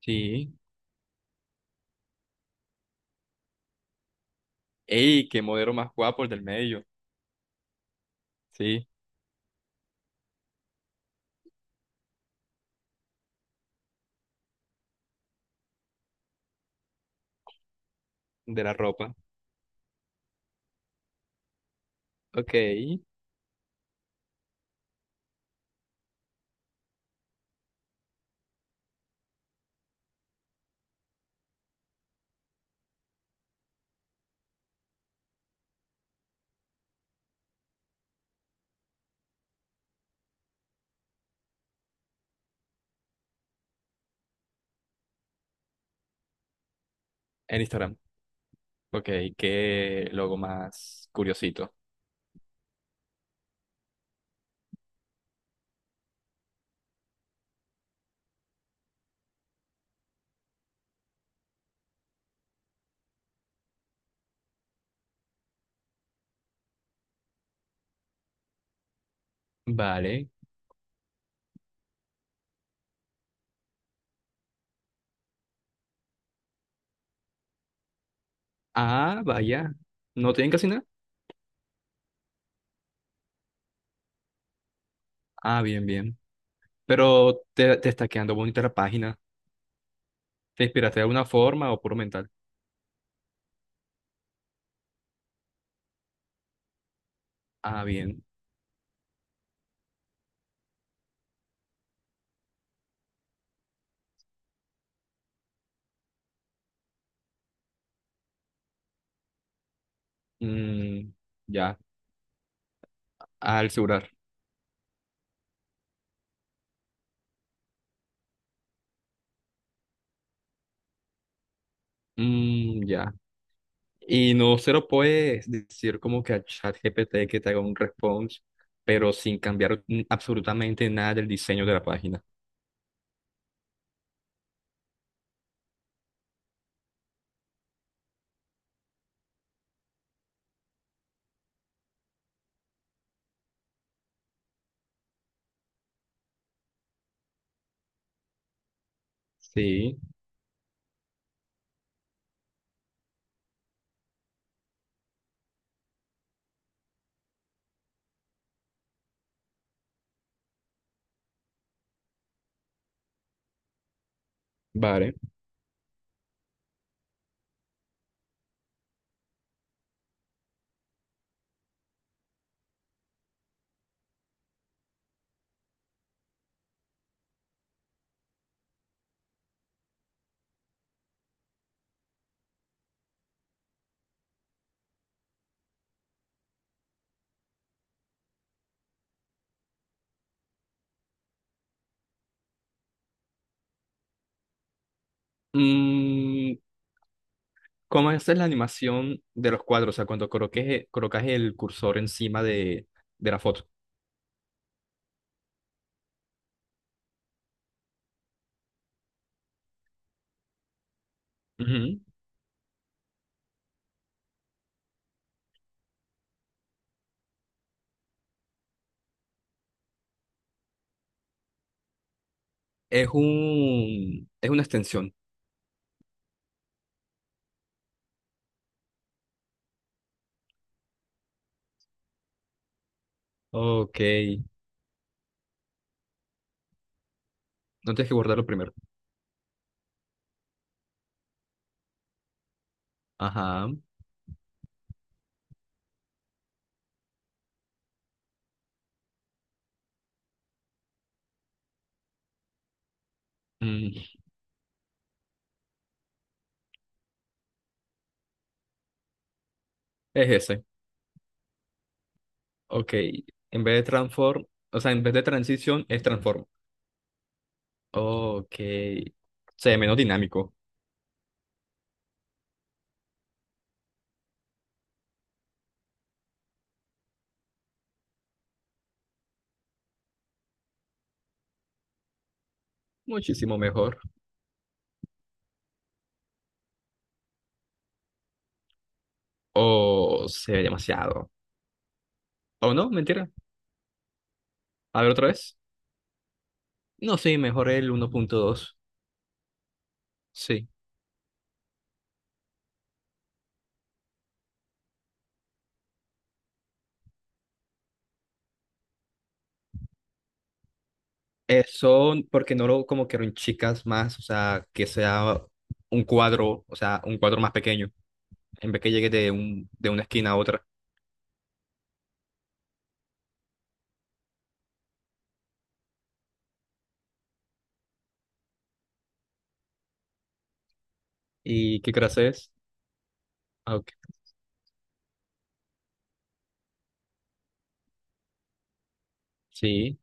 Sí. Ey, qué modelo más guapo el del medio. Sí, de la ropa. Ok. En Instagram. Ok, qué logo más curiosito. Vale. Ah, vaya. ¿No tienen casi nada? Ah, bien, bien. Pero te está quedando bonita la página. ¿Te inspiraste de alguna forma o puro mental? Ah, bien. Mm, ya. Al celular. Mm, ya. Y no se lo puedes decir como que a ChatGPT que te haga un response, pero sin cambiar absolutamente nada del diseño de la página. Sí, vale. Mm, ¿Cómo haces la animación de los cuadros? O sea, cuando coloques, colocas el cursor encima de la foto. Ujú. Es una extensión. Ok. No tienes que guardarlo primero. Ajá. Mm, es ese. Ok. En vez de transform, o sea, en vez de transición, es transform. Ok. Se ve menos dinámico. Muchísimo mejor. O se ve demasiado. O no, mentira. A ver otra vez. No, sí, mejor el 1.2. Sí. Eso porque no lo como que en chicas más, o sea, que sea un cuadro, o sea, un cuadro más pequeño, en vez que llegue de una esquina a otra. ¿Y qué clase es? Ah, ok. Sí.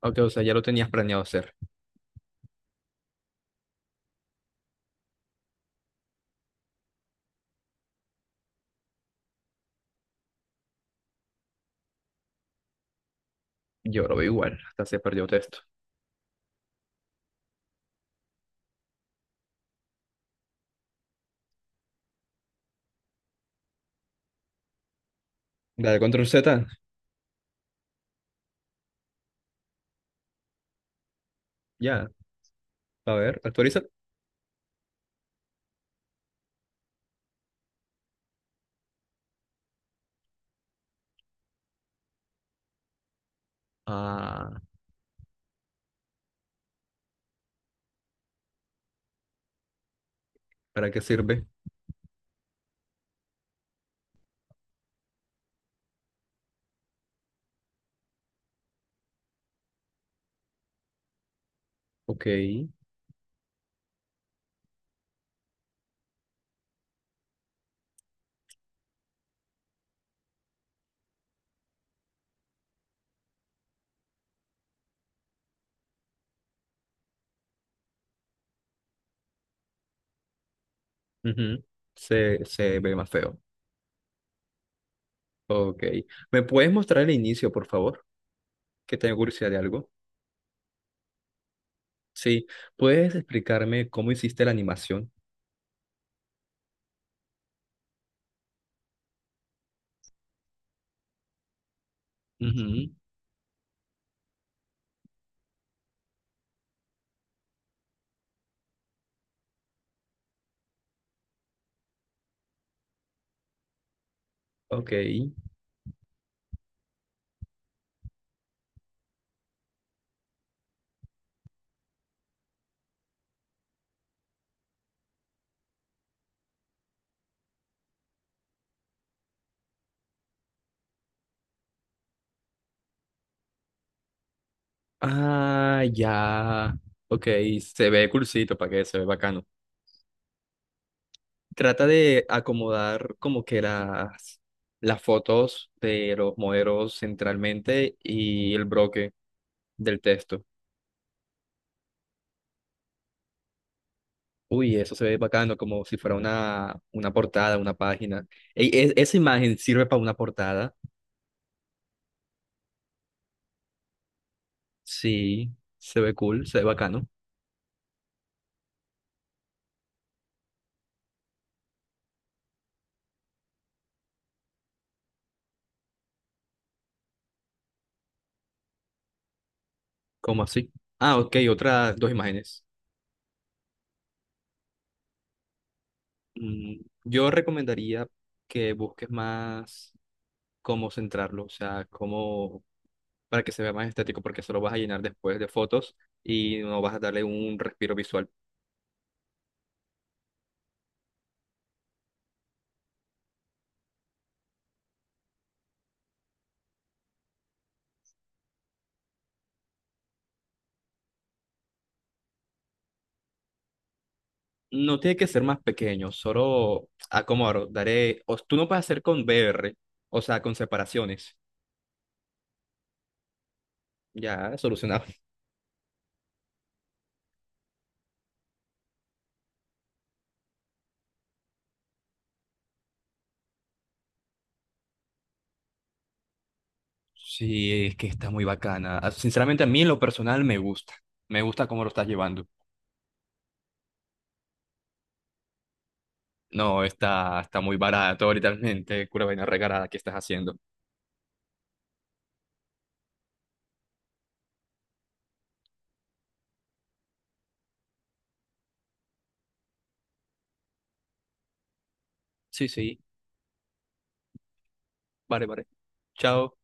Ok, o sea, ya lo tenías planeado hacer. Yo lo veo igual, hasta se perdió texto. Dale control Z. Ya, a ver, actualiza. Ah. ¿Para qué sirve? Ok. Ujú, se ve más feo. Ok. ¿Me puedes mostrar el inicio, por favor? Que tengo curiosidad de algo. Sí. ¿Puedes explicarme cómo hiciste la animación? Ujú. Ok. Ah, ya. Ok. Se ve cursito, para que se ve bacano. Trata de acomodar las fotos de los modelos centralmente y el bloque del texto. Uy, eso se ve bacano, como si fuera una portada, una página. Ey, esa imagen sirve para una portada. Sí, se ve cool, se ve bacano. ¿Cómo así? Ah, ok, otras dos imágenes. Mm, yo recomendaría que busques más cómo centrarlo, o sea, cómo para que se vea más estético, porque eso lo vas a llenar después de fotos y no vas a darle un respiro visual. No tiene que ser más pequeño, solo acomodaré. Daré, o tú no puedes hacer con BR, o sea, con separaciones. Ya, solucionado. Sí, es que está muy bacana. Ah, sinceramente, a mí en lo personal me gusta. Me gusta cómo lo estás llevando. No, está muy barato literalmente. Cura vaina regalada que estás haciendo. Sí, sí. Vale, vale. Chao.